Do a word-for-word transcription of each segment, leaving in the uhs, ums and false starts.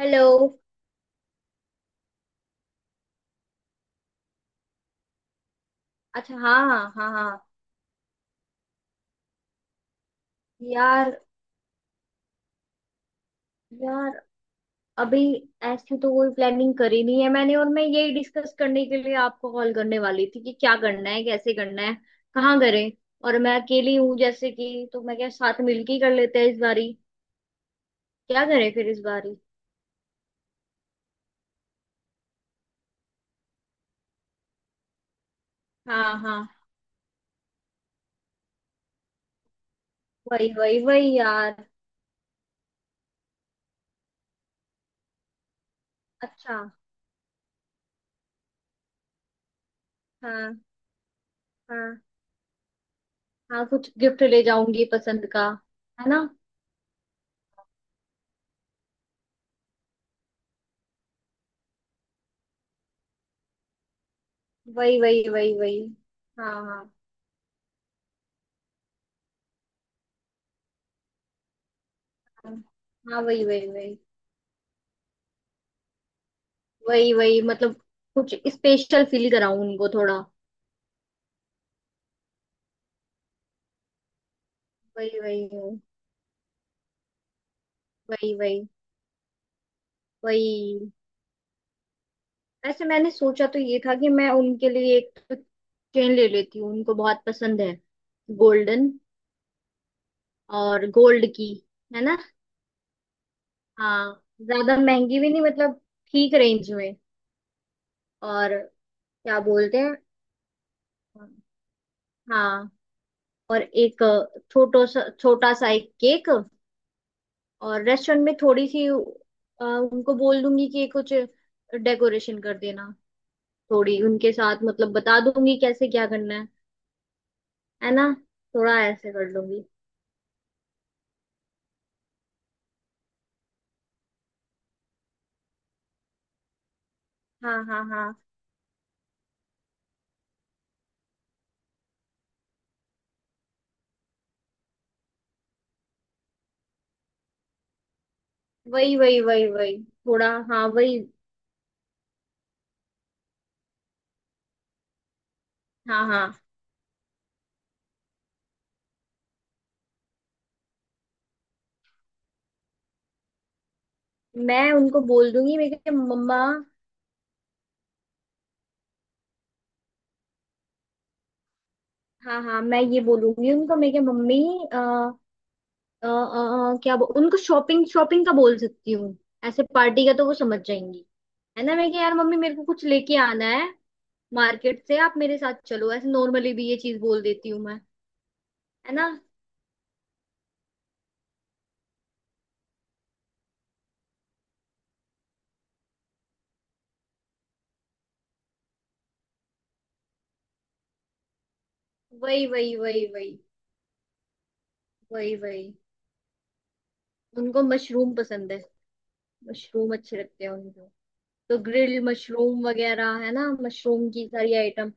Hello. अच्छा, हाँ हाँ हाँ हाँ। यार। यार, अभी ऐसी तो कोई प्लानिंग करी नहीं है मैंने, और मैं यही डिस्कस करने के लिए आपको कॉल करने वाली थी कि क्या करना है, कैसे करना है, कहाँ करें। और मैं अकेली हूँ जैसे कि, तो मैं क्या, साथ मिलके ही कर लेते हैं इस बारी। क्या करें फिर इस बारी। हाँ हाँ, वही वही वही यार। अच्छा। हाँ हाँ। हाँ कुछ गिफ्ट ले जाऊंगी पसंद का। है ना। वही वही वही वही। हाँ हाँ हाँ, हाँ, वही वही वही। वही वही मतलब कुछ स्पेशल फील कराऊं उनको थोड़ा। वही वही वही वही वही। वैसे मैंने सोचा तो ये था कि मैं उनके लिए एक तो चेन ले लेती हूँ, उनको बहुत पसंद है, गोल्डन और गोल्ड की। है ना। हाँ। ज्यादा महंगी भी नहीं मतलब, ठीक रेंज में। और क्या बोलते हैं। हाँ। और एक छोटो सा छोटा सा एक केक, और रेस्टोरेंट में थोड़ी सी अ, उनको बोल दूंगी कि कुछ डेकोरेशन कर देना। थोड़ी उनके साथ मतलब बता दूंगी कैसे क्या करना है। है ना, थोड़ा ऐसे कर लूंगी। हाँ हाँ हाँ, वही वही वही वही। थोड़ा हाँ वही। हाँ हाँ, मैं उनको बोल दूंगी मेरे के मम्मा। हाँ हाँ, मैं ये बोलूंगी उनको मेरे के मम्मी। आ, आ, आ, क्या बो, उनको शॉपिंग शॉपिंग का बोल सकती हूँ, ऐसे पार्टी का तो वो समझ जाएंगी। है ना, मैं कि यार मम्मी मेरे को कुछ लेके आना है मार्केट से, आप मेरे साथ चलो। ऐसे नॉर्मली भी ये चीज बोल देती हूँ मैं। है ना। वही वही वही वही। वही वही, उनको मशरूम पसंद है, मशरूम अच्छे लगते हैं उनको। तो ग्रिल मशरूम वगैरह, है ना, मशरूम की सारी आइटम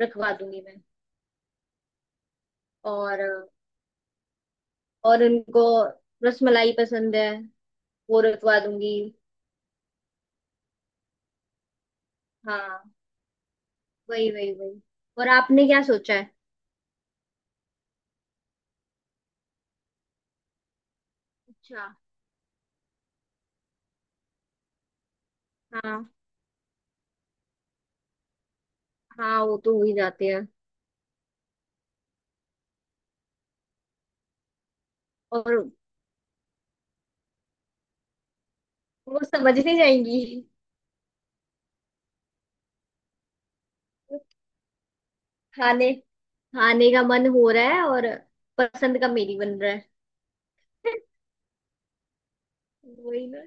रखवा दूंगी मैं। और और उनको रसमलाई पसंद है, वो रखवा दूंगी। हाँ, वही वही वही। और आपने क्या सोचा है। अच्छा। हाँ, हाँ वो तो हो ही जाते हैं। और वो समझ नहीं जाएंगी। खाने खाने का मन हो रहा है और पसंद का मेरी बन रहा है। वही ना।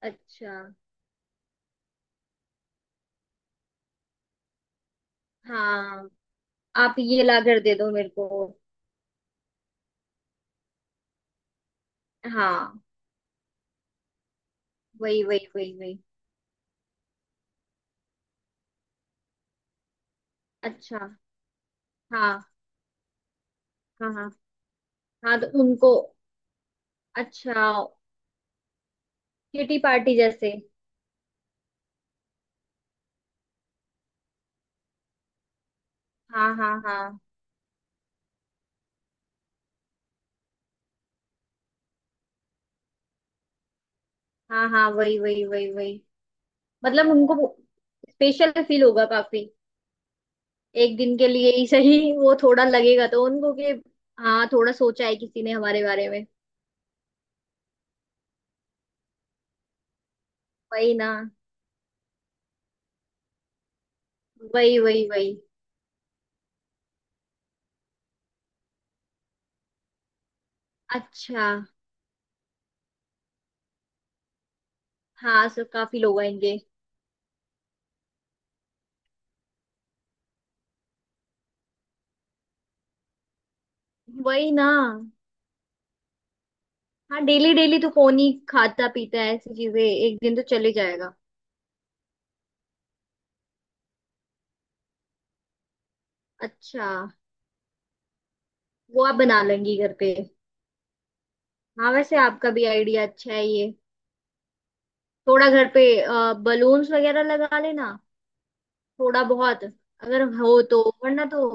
अच्छा। हाँ आप ये ला कर दे दो मेरे को। हाँ वही वही वही वही। अच्छा। हाँ हाँ हाँ हाँ, तो उनको। अच्छा, किटी पार्टी जैसे। हाँ हाँ हाँ हाँ। हाँ, वही वही वही वही, मतलब उनको स्पेशल फील होगा काफी। एक दिन के लिए ही सही वो थोड़ा लगेगा तो उनको कि हाँ, थोड़ा सोचा है किसी ने हमारे बारे में। वही ना। वही वही वही। अच्छा। हाँ सो काफी लोग आएंगे। वही ना। हाँ, डेली डेली तो कौन ही खाता पीता है ऐसी चीजें, एक दिन तो चले जाएगा। अच्छा। वो आप बना लेंगी घर पे। हाँ, वैसे आपका भी आइडिया अच्छा है ये। थोड़ा घर पे बलून्स वगैरह लगा लेना, थोड़ा बहुत अगर हो, तो वरना तो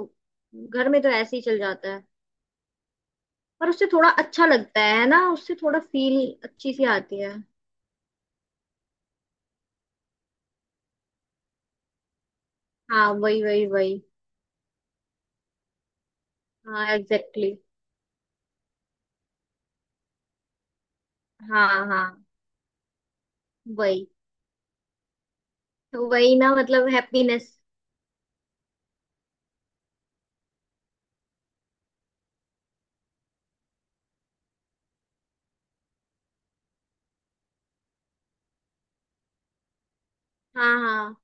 घर में तो ऐसे ही चल जाता है। पर उससे थोड़ा अच्छा लगता है ना, उससे थोड़ा फील अच्छी सी आती है। हाँ, वही वही वही। हाँ एग्जैक्टली। Exactly. हाँ हाँ। वही तो। वही ना, मतलब हैप्पीनेस। हाँ हाँ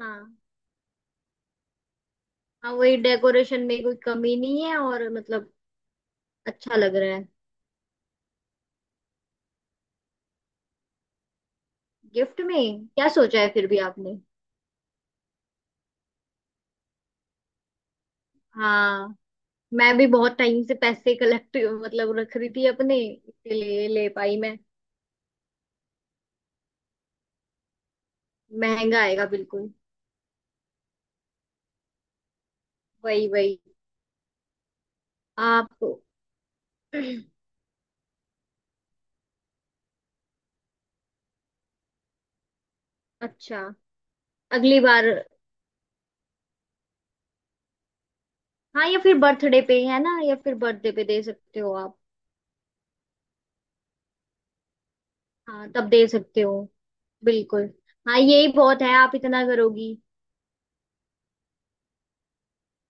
हाँ हाँ, वही डेकोरेशन में कोई कमी नहीं है, और मतलब अच्छा लग रहा है। गिफ्ट में क्या सोचा है फिर भी आपने। हाँ, मैं भी बहुत टाइम से पैसे कलेक्ट, मतलब रख रही थी अपने, इसीलिए ले पाई मैं। महंगा आएगा बिल्कुल। वही वही। आप। अच्छा, अगली बार। हाँ, या फिर बर्थडे पे, है ना, या फिर बर्थडे पे दे सकते हो आप। हाँ, तब दे सकते हो, बिल्कुल। हाँ यही बहुत है, आप इतना करोगी।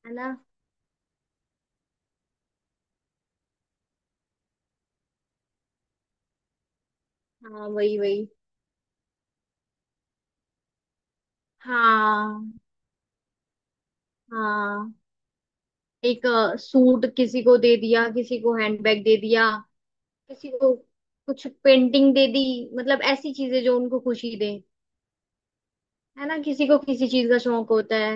है ना। हाँ, वही वही। हाँ हाँ, एक सूट किसी को दे दिया, किसी को हैंडबैग दे दिया, किसी को कुछ पेंटिंग दे दी, मतलब ऐसी चीजें जो उनको खुशी दे। है ना, किसी को किसी चीज का शौक होता है।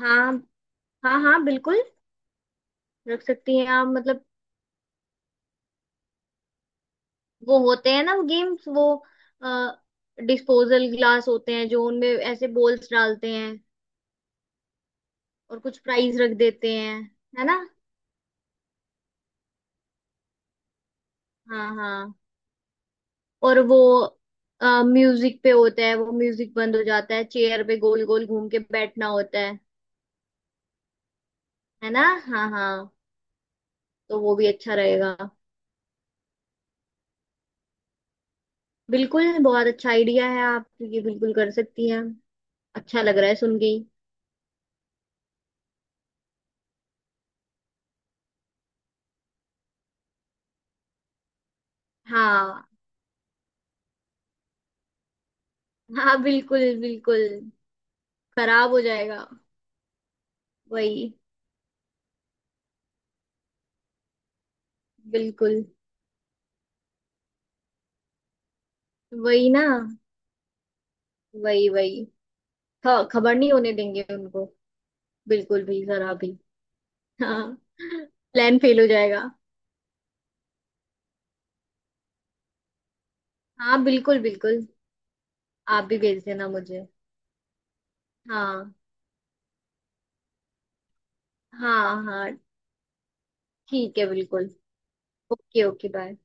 हाँ हाँ हाँ, बिल्कुल रख सकती हैं आप मतलब। वो होते हैं ना, गेम्स वो, डिस्पोजल ग्लास होते हैं जो उनमें ऐसे बॉल्स डालते हैं, और कुछ प्राइज रख देते हैं। है ना। हाँ हाँ। और वो म्यूजिक पे होता है, वो म्यूजिक बंद हो जाता है, चेयर पे गोल गोल घूम के बैठना होता है। है ना। हाँ हाँ। तो वो भी अच्छा रहेगा। बिल्कुल, बहुत अच्छा आइडिया है, आप ये बिल्कुल कर सकती हैं। अच्छा लग रहा है सुन के ही। हाँ, हाँ बिल्कुल बिल्कुल, खराब हो जाएगा। वही। बिल्कुल। वही ना, वही वही। ख- खबर नहीं होने देंगे उनको, बिल्कुल भी खराब ही। हाँ। प्लान फेल हो जाएगा। हाँ बिल्कुल बिल्कुल, आप भी भेज देना मुझे। हाँ हाँ हाँ ठीक है बिल्कुल। Okay, okay bye.